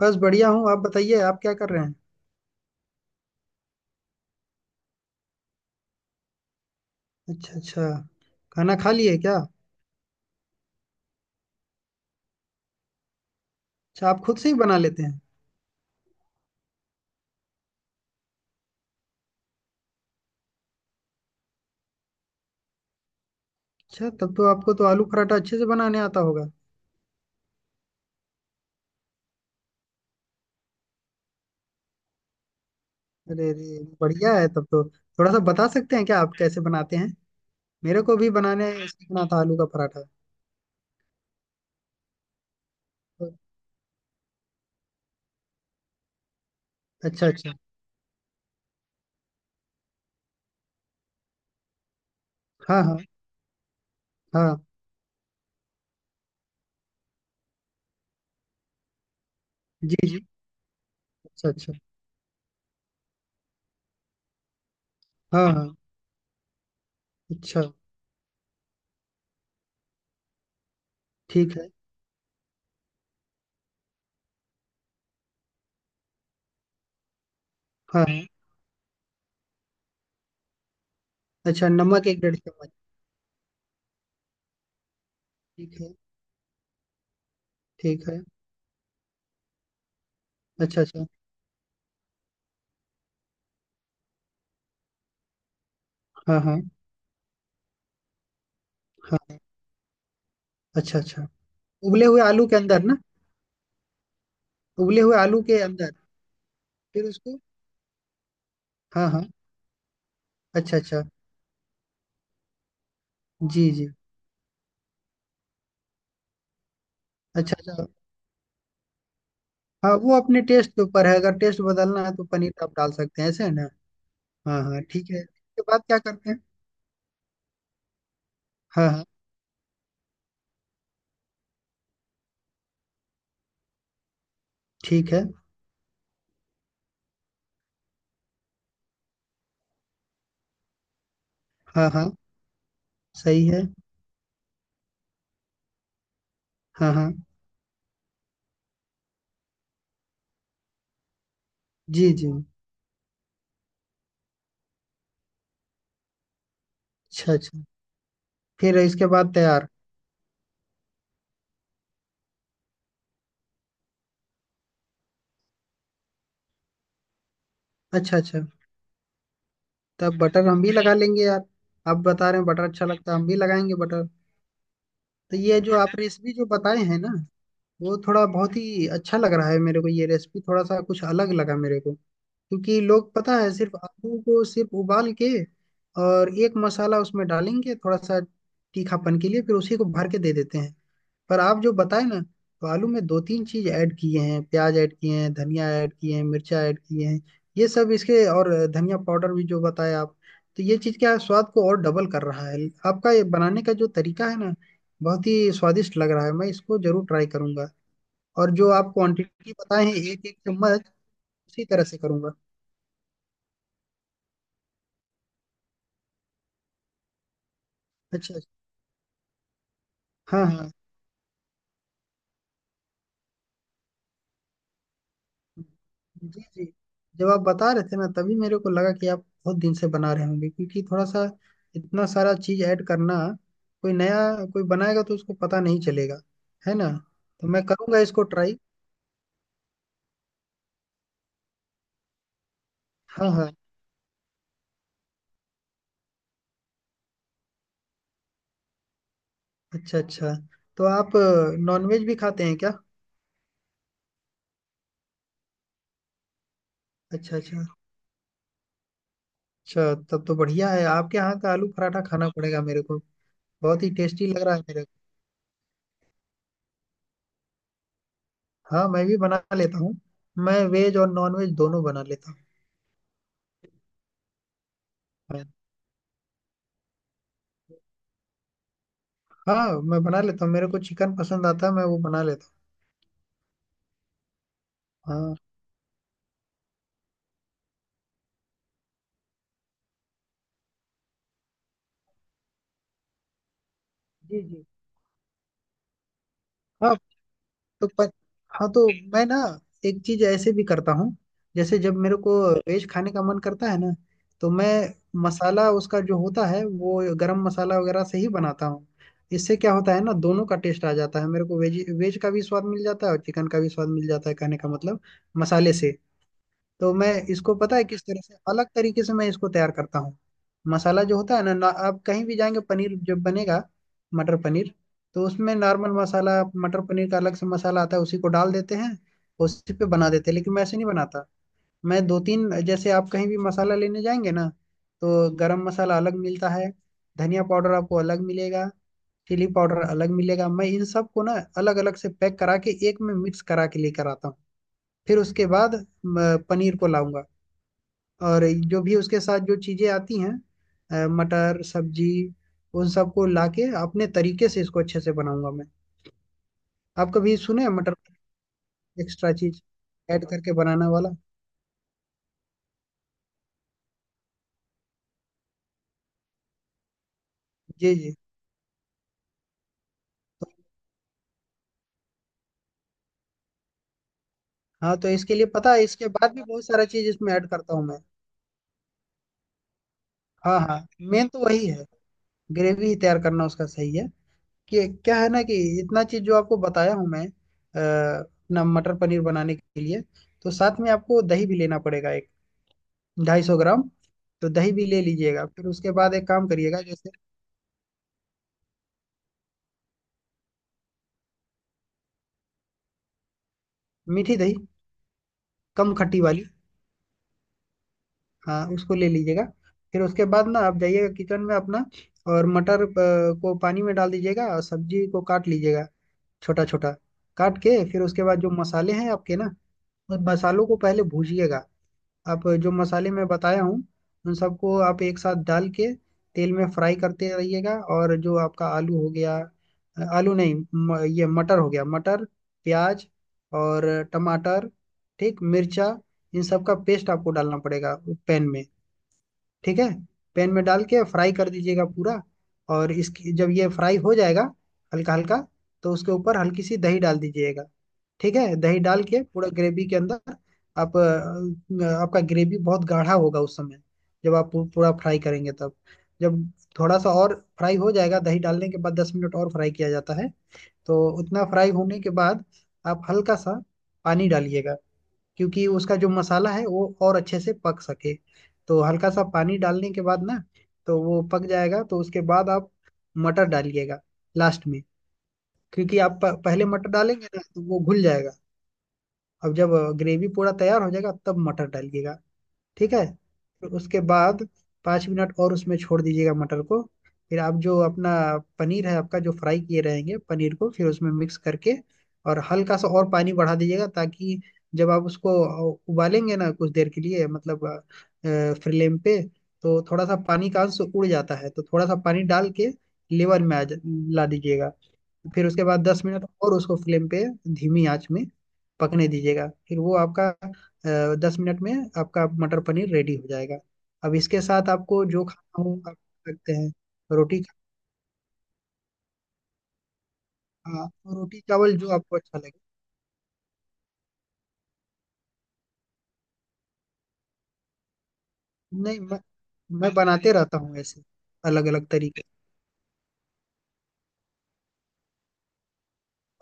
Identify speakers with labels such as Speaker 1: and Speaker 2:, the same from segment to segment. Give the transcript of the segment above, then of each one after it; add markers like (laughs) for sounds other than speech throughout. Speaker 1: बस बढ़िया हूँ। आप बताइए, आप क्या कर रहे हैं? अच्छा अच्छा। खाना खा लिए क्या? अच्छा, आप खुद से ही बना लेते हैं? अच्छा, तब तो आपको तो आलू पराठा अच्छे से बनाने आता होगा। अरे अरे, बढ़िया है तब तो। थोड़ा सा बता सकते हैं क्या आप कैसे बनाते हैं? मेरे को भी बनाने सीखना था आलू का पराठा। अच्छा अच्छा। हाँ हाँ। हाँ, जी जी। अच्छा अच्छा। हाँ हाँ। अच्छा। ठीक है। हाँ हाँ। अच्छा, नमक एक डेढ़ चम्मच। ठीक है। ठीक है। अच्छा अच्छा। हाँ हाँ। हाँ। अच्छा अच्छा। उबले हुए आलू के अंदर ना? उबले हुए आलू के अंदर। फिर उसको। हाँ हाँ। अच्छा अच्छा। जी जी। अच्छा अच्छा। हाँ, वो अपने टेस्ट के ऊपर है। अगर टेस्ट बदलना है तो पनीर आप डाल सकते हैं, ऐसे है ना? हाँ हाँ, ठीक है। इसके बाद क्या करते हैं? हाँ हाँ। ठीक है। हाँ हाँ। सही है। हाँ हाँ। जी जी। अच्छा अच्छा। फिर इसके बाद तैयार? अच्छा अच्छा। तब बटर हम भी लगा लेंगे यार। आप बता रहे हैं बटर अच्छा लगता है, हम भी लगाएंगे बटर। तो ये जो आप रेसिपी जो बताए हैं ना, वो थोड़ा बहुत ही अच्छा लग रहा है मेरे को। ये रेसिपी थोड़ा सा कुछ अलग लगा मेरे को, क्योंकि लोग पता है सिर्फ आलू को सिर्फ उबाल के और एक मसाला उसमें डालेंगे थोड़ा सा तीखापन के लिए, फिर उसी को भर के दे देते हैं। पर आप जो बताए ना, तो आलू में दो तीन चीज ऐड किए हैं, प्याज ऐड किए हैं, धनिया ऐड किए हैं, मिर्चा ऐड किए हैं, ये सब इसके और धनिया पाउडर भी जो बताया आप, तो ये चीज क्या है, स्वाद को और डबल कर रहा है। आपका ये बनाने का जो तरीका है ना, बहुत ही स्वादिष्ट लग रहा है। मैं इसको जरूर ट्राई करूंगा। और जो आप क्वांटिटी बताए हैं, एक एक चम्मच, उसी तरह से करूंगा। अच्छा अच्छा। हाँ हाँ। जी जी। जब आप बता रहे थे ना, तभी मेरे को लगा कि आप बहुत दिन से बना रहे होंगे, क्योंकि थोड़ा सा इतना सारा चीज ऐड करना, कोई नया कोई बनाएगा तो उसको पता नहीं चलेगा। है ना? तो मैं करूंगा इसको ट्राई। हाँ हाँ। अच्छा अच्छा। तो आप नॉनवेज भी खाते हैं क्या? अच्छा अच्छा। अच्छा, तब तो बढ़िया है। आपके यहाँ का आलू पराठा खाना पड़ेगा मेरे को। बहुत ही टेस्टी लग रहा है मेरे को। हाँ, मैं भी बना लेता हूँ। मैं वेज और नॉन वेज दोनों बना लेता हूँ। हाँ, मैं बना लेता हूँ। मेरे को चिकन पसंद आता है, मैं वो बना लेता हूँ। हाँ, जी जी। हाँ तो हाँ तो मैं ना एक चीज ऐसे भी करता हूँ। जैसे जब मेरे को वेज खाने का मन करता है ना, तो मैं मसाला उसका जो होता है वो गरम मसाला वगैरह से ही बनाता हूँ। इससे क्या होता है ना, दोनों का टेस्ट आ जाता है मेरे को, वेज वेज का भी स्वाद मिल जाता है और चिकन का भी स्वाद मिल जाता है। कहने का मतलब, मसाले से। तो मैं इसको पता है किस तरह से अलग तरीके से मैं इसको तैयार करता हूँ। मसाला जो होता है ना ना, आप कहीं भी जाएंगे पनीर जब बनेगा, मटर पनीर, तो उसमें नॉर्मल मसाला मटर पनीर का अलग से मसाला आता है, उसी को डाल देते हैं, उसी पे बना देते हैं। लेकिन मैं ऐसे नहीं बनाता। मैं दो तीन, जैसे आप कहीं भी मसाला लेने जाएंगे ना, तो गरम मसाला अलग मिलता है, धनिया पाउडर आपको अलग मिलेगा, चिली पाउडर अलग मिलेगा, मैं इन सब को ना अलग अलग से पैक करा के एक में मिक्स करा के लेकर आता हूँ। फिर उसके बाद पनीर को लाऊंगा, और जो भी उसके साथ जो चीजें आती हैं, मटर सब्जी, उन सबको लाके अपने तरीके से इसको अच्छे से बनाऊंगा मैं। आप कभी सुने हैं मटर एक्स्ट्रा चीज ऐड करके बनाने वाला? जी जी। हाँ, तो इसके लिए पता है, इसके बाद भी बहुत सारा चीज इसमें ऐड करता हूँ मैं। हाँ हाँ। मेन तो वही है, ग्रेवी ही तैयार करना उसका सही है। कि क्या है ना, कि इतना चीज जो आपको बताया हूँ मैं अपना मटर पनीर बनाने के लिए, तो साथ में आपको दही भी लेना पड़ेगा, एक 250 ग्राम। तो दही भी ले लीजिएगा। फिर उसके बाद एक काम करिएगा, जैसे, मीठी दही, कम खट्टी वाली। हाँ, उसको ले लीजिएगा। फिर उसके बाद ना आप जाइएगा किचन में अपना, और मटर को पानी में डाल दीजिएगा, और सब्जी को काट लीजिएगा, छोटा छोटा काट के। फिर उसके बाद जो मसाले हैं आपके ना, उन मसालों को पहले भूजिएगा। आप जो मसाले मैं बताया हूँ, उन सबको आप एक साथ डाल के तेल में फ्राई करते रहिएगा। और जो आपका आलू हो गया, अ, आलू नहीं म, ये मटर हो गया, मटर, प्याज, और टमाटर, ठीक, मिर्चा, इन सब का पेस्ट आपको डालना पड़ेगा पैन में। ठीक है? पैन में डाल के फ्राई कर दीजिएगा पूरा। और इसकी जब ये फ्राई हो जाएगा, हल्का हल्का, तो उसके ऊपर हल्की सी दही डाल दीजिएगा। ठीक है? दही डाल के पूरा ग्रेवी के अंदर, आप आपका ग्रेवी बहुत गाढ़ा होगा उस समय, जब आप पूरा फ्राई करेंगे तब। जब थोड़ा सा और फ्राई हो जाएगा, दही डालने के बाद 10 मिनट और फ्राई किया जाता है। तो उतना फ्राई होने के बाद आप हल्का सा पानी डालिएगा, क्योंकि उसका जो मसाला है वो और अच्छे से पक सके। तो हल्का सा पानी डालने के बाद ना, तो वो पक जाएगा। तो उसके बाद आप मटर डालिएगा लास्ट में, क्योंकि आप पहले मटर डालेंगे ना तो वो घुल जाएगा। अब जब ग्रेवी पूरा तैयार हो जाएगा तब मटर डालिएगा। ठीक है? फिर उसके बाद 5 मिनट और उसमें छोड़ दीजिएगा मटर को। फिर आप जो अपना पनीर है आपका जो फ्राई किए रहेंगे पनीर को फिर उसमें मिक्स करके, और हल्का सा और पानी बढ़ा दीजिएगा, ताकि जब आप उसको उबालेंगे ना कुछ देर के लिए, मतलब फ्लेम पे, तो थोड़ा सा पानी का अंश उड़ जाता है, तो थोड़ा सा पानी डाल के लेवर में ला दीजिएगा। फिर उसके बाद 10 मिनट और उसको फ्लेम पे, धीमी आंच में पकने दीजिएगा, फिर वो आपका 10 मिनट में आपका मटर पनीर रेडी हो जाएगा। अब इसके साथ आपको जो खाना हो आप खा सकते हैं। रोटी खा- हाँ, रोटी चावल जो आपको अच्छा लगे। नहीं मैं, मैं बनाते रहता हूँ ऐसे, अलग अलग तरीके।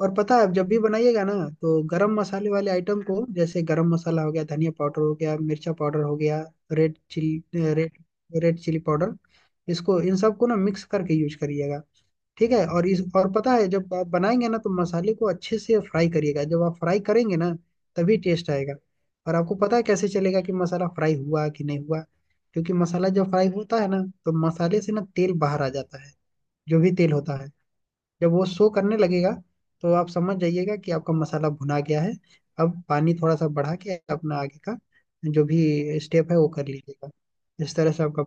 Speaker 1: और पता है आप जब भी बनाइएगा ना, तो गरम मसाले वाले आइटम को, जैसे गरम मसाला हो गया, धनिया पाउडर हो गया, मिर्चा पाउडर हो गया, red chilli, red, red chilli powder, इसको इन सबको ना मिक्स करके यूज करिएगा। ठीक है? और इस, और पता है जब आप बनाएंगे ना, तो मसाले को अच्छे से फ्राई करिएगा। जब आप फ्राई करेंगे ना, तभी टेस्ट आएगा। और आपको पता है कैसे चलेगा कि मसाला फ्राई हुआ कि नहीं हुआ? क्योंकि मसाला जब फ्राई होता है ना, तो मसाले से ना तेल बाहर आ जाता है, जो भी तेल होता है। जब वो शो करने लगेगा, तो आप समझ जाइएगा कि आपका मसाला भुना गया है। अब पानी थोड़ा सा बढ़ा के अपना आगे का जो भी स्टेप है वो कर लीजिएगा। इस तरह से आपका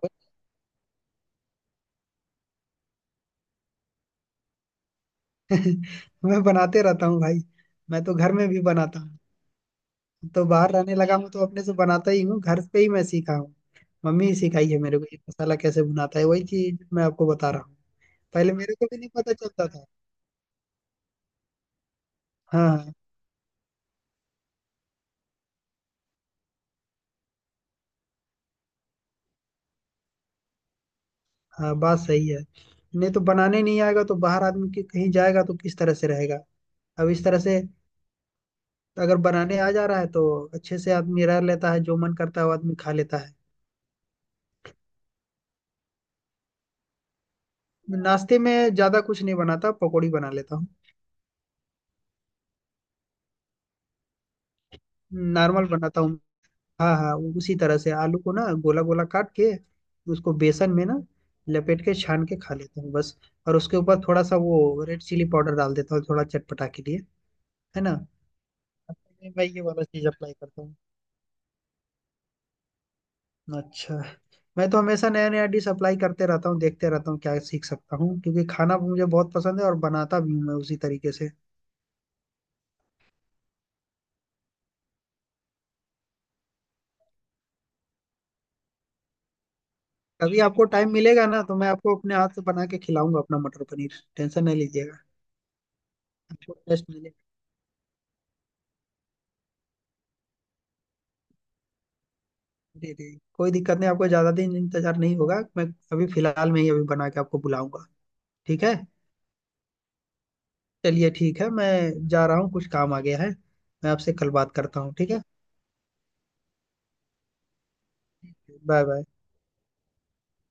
Speaker 1: बन- (laughs) मैं बनाते रहता हूँ भाई। मैं तो घर में भी बनाता हूँ। तो बाहर रहने लगा हूँ तो अपने से बनाता ही हूँ। घर पे ही मैं सीखा हूँ, मम्मी ही सिखाई है मेरे को। ये मसाला कैसे बनाता है, वही चीज मैं आपको बता रहा हूँ। पहले मेरे को भी नहीं पता चलता था। हाँ हाँ। हाँ, बात सही है। नहीं तो बनाने नहीं आएगा तो बाहर आदमी कहीं जाएगा तो किस तरह से रहेगा? अब इस तरह से अगर बनाने आ जा रहा है, तो अच्छे से आदमी रह लेता है, जो मन करता है वो आदमी खा लेता है। नाश्ते में ज्यादा कुछ नहीं बनाता, पकौड़ी बना लेता हूँ। नॉर्मल बनाता हूँ। हाँ हाँ, वो उसी तरह से आलू को ना गोला गोला काट के, उसको बेसन में ना लपेट के छान के खा लेता हूँ बस। और उसके ऊपर थोड़ा सा वो रेड चिली पाउडर डाल देता हूँ, थोड़ा चटपटा के लिए। है ना? मैं ये वाला चीज अप्लाई करता हूँ। अच्छा, मैं तो हमेशा नया नया डिश अप्लाई करते रहता हूँ, देखते रहता हूँ क्या सीख सकता हूँ, क्योंकि खाना मुझे बहुत पसंद है और बनाता भी हूँ मैं उसी तरीके से। कभी आपको टाइम मिलेगा ना, तो मैं आपको अपने हाथ से बना के खिलाऊंगा अपना मटर पनीर, टेंशन नहीं लीजिएगा। आपको टेस्ट मिलेगा। जी जी। कोई दिक्कत नहीं, आपको ज्यादा दिन इंतजार नहीं होगा। मैं अभी फिलहाल में ही अभी बना के आपको बुलाऊंगा। ठीक है? चलिए ठीक है, मैं जा रहा हूँ, कुछ काम आ गया है। मैं आपसे कल बात करता हूँ, ठीक है? Bye bye.